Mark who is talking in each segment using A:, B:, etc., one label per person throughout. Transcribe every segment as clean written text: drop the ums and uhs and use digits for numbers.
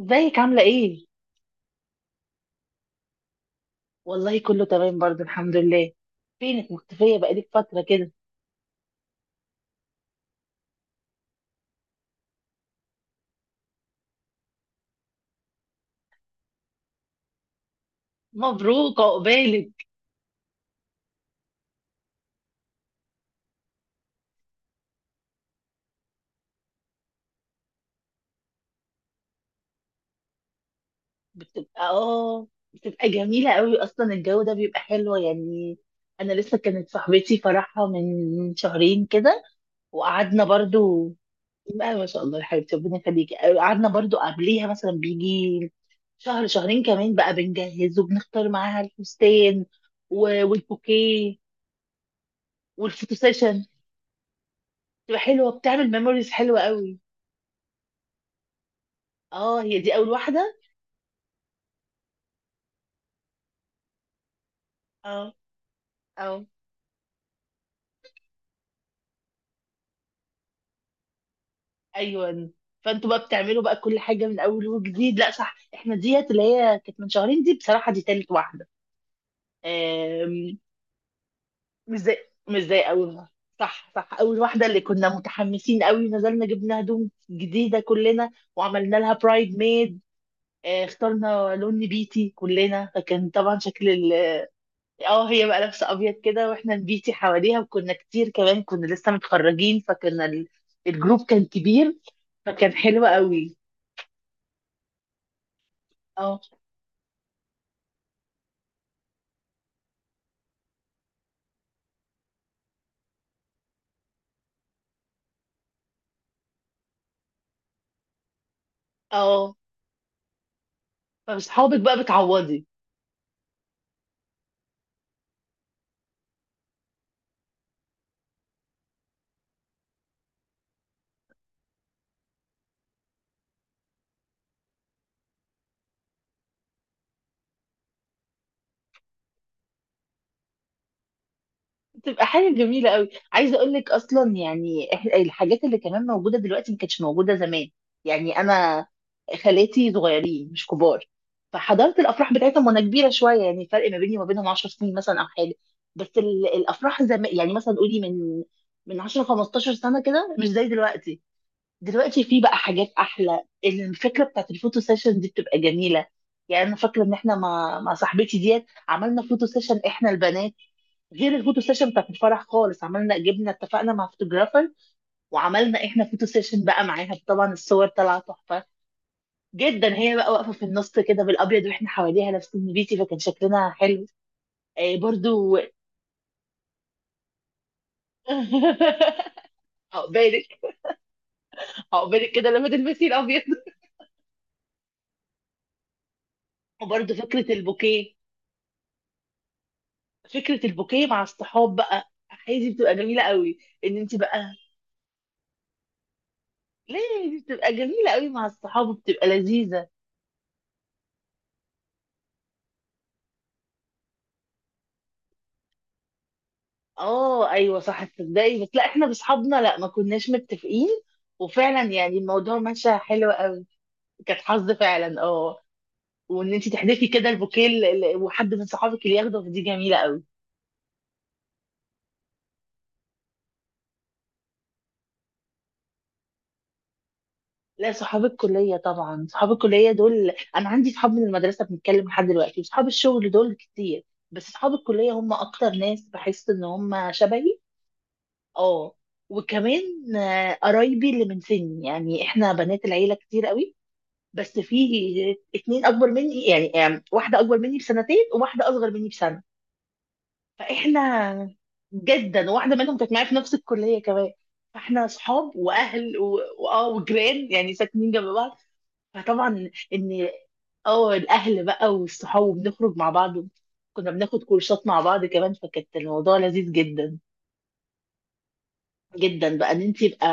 A: ازيك عاملة ايه؟ والله كله تمام برضه الحمد لله. فينك مختفية بقالك فترة كده؟ مبروك عقبالك. بتبقى بتبقى جميلة قوي اصلا، الجو ده بيبقى حلو يعني. انا لسه كانت صاحبتي فرحها من شهرين كده وقعدنا برضه. لا ما شاء الله يا حبيبتي، ربنا يخليكي. قعدنا برضه قبليها مثلا بيجي شهر شهرين كمان بقى، بنجهز وبنختار معاها الفستان والبوكيه والفوتو سيشن، بتبقى حلوه، بتعمل ميموريز حلوه قوي. اه هي دي اول واحده. اه. اه ايوه، فانتوا بقى بتعملوا بقى كل حاجه من اول وجديد. لا صح، احنا ديت اللي هي كانت من شهرين دي بصراحه دي تالت واحده. آم، مش زي مش زي اول واحده. صح صح، اول واحده اللي كنا متحمسين قوي، نزلنا جبنا هدوم جديده كلنا وعملنا لها برايد ميد. اخترنا لون نبيتي كلنا، فكان طبعا شكل. اه هي بقى لابسه ابيض كده واحنا نبيتي حواليها، وكنا كتير كمان، كنا لسه متخرجين فكنا الجروب كان كبير فكان حلو قوي. اه اه، فاصحابك بقى بتعوضي. بتبقى حاجة جميلة قوي. عايزة اقول لك اصلا يعني الحاجات اللي كمان موجودة دلوقتي ما كانتش موجودة زمان. يعني انا خالاتي صغيرين مش كبار، فحضرت الافراح بتاعتهم وانا كبيرة شوية، يعني فرق ما بيني وما بينهم 10 سنين مثلا او حاجة. بس الافراح زمان، يعني مثلا قولي من 10 15 سنة كده، مش زي دلوقتي. دلوقتي في بقى حاجات احلى. الفكره بتاعت الفوتو سيشن دي بتبقى جميله. يعني انا فاكره ان احنا مع صاحبتي ديت عملنا فوتو سيشن احنا البنات، غير الفوتو سيشن بتاعت الفرح خالص. عملنا جبنا اتفقنا مع فوتوغرافر وعملنا احنا فوتو سيشن بقى معاها، طبعا الصور طالعه تحفه جدا. هي بقى واقفه في النص كده بالابيض واحنا حواليها لابسين بيتي، فكان شكلنا حلو. آه برضو. عقبالك، عقبالك كده لما تلبسي الابيض. وبرضو فكره البوكيه، فكره البوكيه مع الصحاب بقى، هي دي بتبقى جميله قوي ان انت بقى. ليه؟ دي بتبقى جميله قوي مع الصحاب وبتبقى لذيذه. اه ايوه صح، تصدقي بس لا احنا باصحابنا لا ما كناش متفقين، وفعلا يعني الموضوع ماشي حلو قوي. كانت حظ فعلا اه. وان انت تحذفي كده البوكيه وحد من صحابك اللي ياخده، دي جميله قوي. لا صحاب الكلية طبعا، صحاب الكلية دول. أنا عندي صحاب من المدرسة بنتكلم لحد دلوقتي، وصحاب الشغل دول كتير، بس صحاب الكلية هم أكتر ناس بحس إن هم شبهي. اه وكمان قرايبي اللي من سني. يعني إحنا بنات العيلة كتير قوي، بس في اتنين أكبر مني، يعني واحدة أكبر مني بسنتين وواحدة أصغر مني بسنة. فإحنا جدا، واحدة منهم كانت معايا في نفس الكلية كمان، فإحنا صحاب وأهل وآه وجيران، يعني ساكنين جنب بعض. فطبعا ان اه الاهل بقى والصحاب، وبنخرج مع بعض، كنا بناخد كورسات مع بعض كمان، فكانت الموضوع لذيذ جدا جدا. بقى ان انت يبقى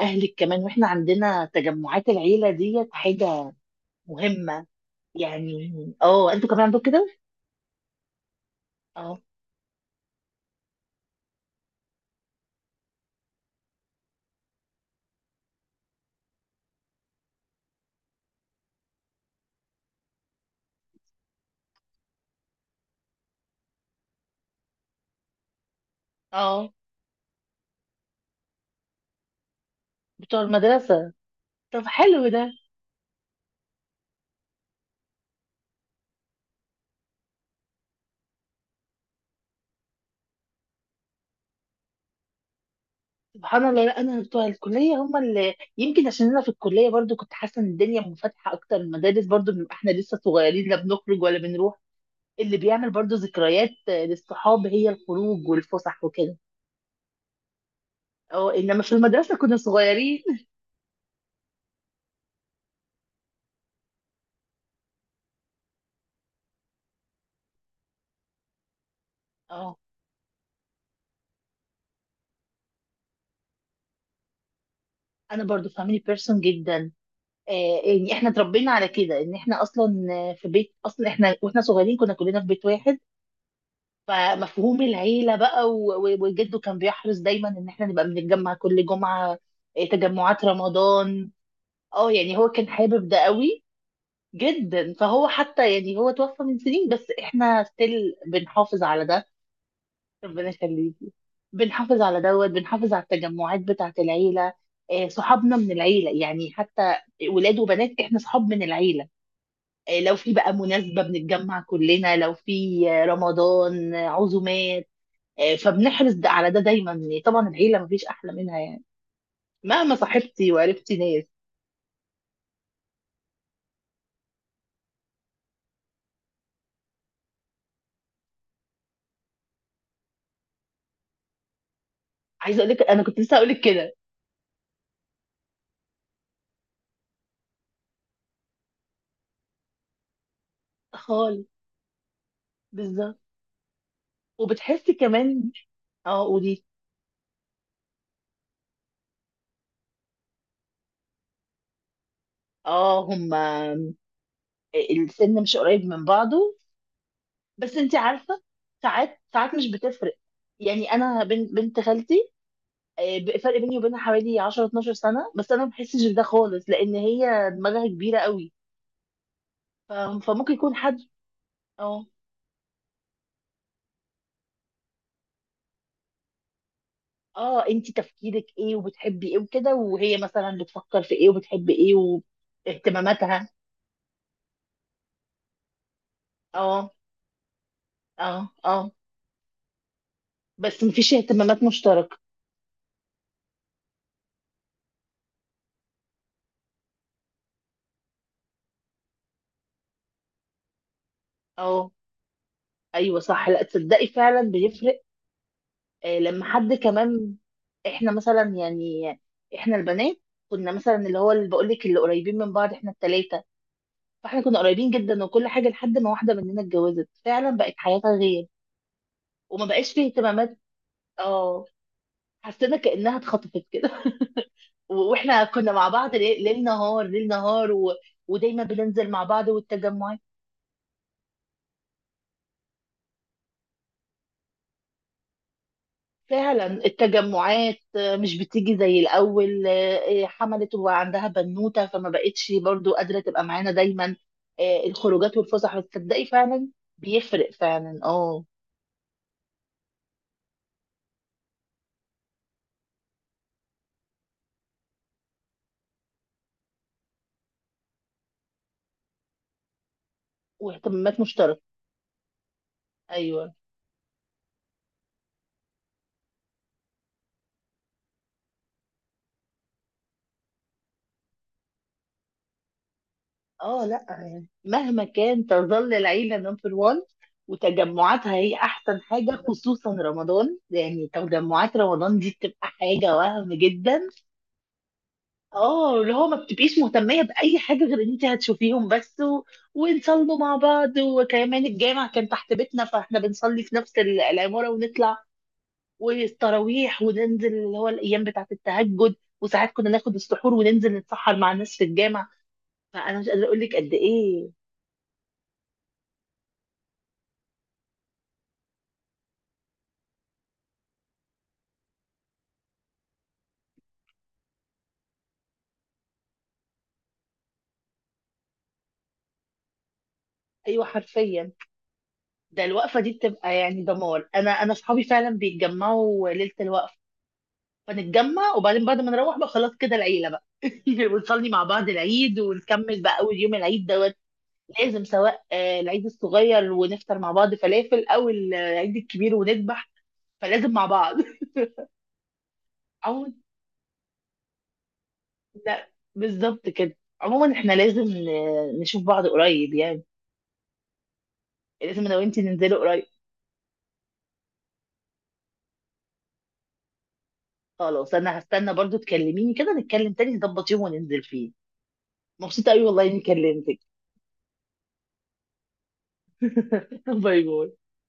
A: اهلك كمان. واحنا عندنا تجمعات العيله ديت حاجه مهمه يعني. اه انتوا كمان عندكم كده. اه اه بتوع المدرسه. طب حلو ده. سبحان الله، لا انا بتوع الكليه هم اللي يمكن عشان انا في الكليه برضو كنت حاسه ان الدنيا منفتحه اكتر. المدارس برضو بنبقى احنا لسه صغيرين، لا بنخرج ولا بنروح. اللي بيعمل برضو ذكريات للصحاب هي الخروج والفسح وكده. اه انما في المدرسه كنا صغيرين. اه انا برضو فاميلي بيرسون جدا. آه يعني احنا اتربينا على كده، ان احنا اصلا في بيت. اصلا احنا واحنا صغيرين كنا كلنا في بيت واحد، فمفهوم العيله بقى وجده كان بيحرص دايما ان احنا نبقى بنتجمع كل جمعه. تجمعات رمضان. اه يعني هو كان حابب ده قوي جدا، فهو حتى يعني هو توفى من سنين بس احنا ستيل بنحافظ على ده. ربنا يخليكي. بنحافظ على دوت، بنحافظ على التجمعات بتاعة العيلة. صحابنا من العيلة، يعني حتى ولاد وبنات احنا صحاب من العيلة. لو في بقى مناسبة بنتجمع كلنا، لو في رمضان عزومات. فبنحرص على ده دايما، يعني طبعا العيلة مفيش أحلى منها يعني، مهما صاحبتي وعرفتي ناس. عايزة أقول لك أنا كنت لسه أقول لك كده خالص، بالظبط. وبتحسي كمان. اه قولي. اه هما السن مش قريب من بعضه. بس انت عارفه، ساعات ساعات مش بتفرق. يعني انا بنت بنت خالتي فرق بيني وبينها حوالي 10 12 سنه، بس انا ما بحسش بده خالص لان هي دماغها كبيره قوي. ف- فممكن يكون حد. اه اه انت تفكيرك ايه وبتحبي ايه وكده، وهي مثلا بتفكر في ايه وبتحب ايه واهتماماتها. اه اه اه بس مفيش اهتمامات مشتركه. اه ايوه صح، لا تصدقي فعلا بيفرق. لما حد كمان، احنا مثلا يعني احنا البنات كنا مثلا اللي هو اللي بقول لك، اللي قريبين من بعض احنا التلاتة، فاحنا كنا قريبين جدا وكل حاجة، لحد ما واحدة مننا اتجوزت فعلا بقت حياتها غير وما بقاش فيه اهتمامات. اه حسينا كأنها اتخطفت كده. واحنا كنا مع بعض ليل ليل نهار ليل نهار و... ودايما بننزل مع بعض والتجمعات. فعلا التجمعات مش بتيجي زي الأول. حملت وعندها بنوتة فما بقتش برضو قادرة تبقى معانا دايما. الخروجات والفسح، بتصدقي فعلا بيفرق فعلا اه، واهتمامات مشتركة. أيوه. اه لا يعني مهما كان تظل العيلة نمبر وان، وتجمعاتها هي أحسن حاجة، خصوصا رمضان. يعني تجمعات رمضان دي بتبقى حاجة وهم جدا. اه اللي هو ما بتبقيش مهتمية بأي حاجة غير ان انت هتشوفيهم بس، و... ونصلوا مع بعض، وكمان الجامع كان تحت بيتنا فاحنا بنصلي في نفس العمارة ونطلع، والتراويح وننزل اللي هو الأيام بتاعة التهجد. وساعات كنا ناخد السحور وننزل نتسحر مع الناس في الجامع. فأنا مش قادرة أقول لك قد إيه. أيوه حرفيا، ده الوقفة دي بتبقى يعني دمار. أنا أصحابي فعلا بيتجمعوا ليلة الوقفة، فنتجمع، وبعدين بعد ما نروح بقى خلاص كده العيله بقى، ونصلي مع بعض العيد، ونكمل بقى اول يوم العيد دوت. لازم سواء العيد الصغير ونفطر مع بعض فلافل، او العيد الكبير ونذبح، فلازم مع بعض. عموما لا، بالظبط كده. عموما احنا لازم نشوف بعض قريب يعني. لازم انا وانتي ننزلوا قريب. خلاص انا هستنى برضو تكلميني كده، نتكلم تاني نظبط يوم وننزل فيه. مبسوطة قوي والله اني كلمتك. باي باي.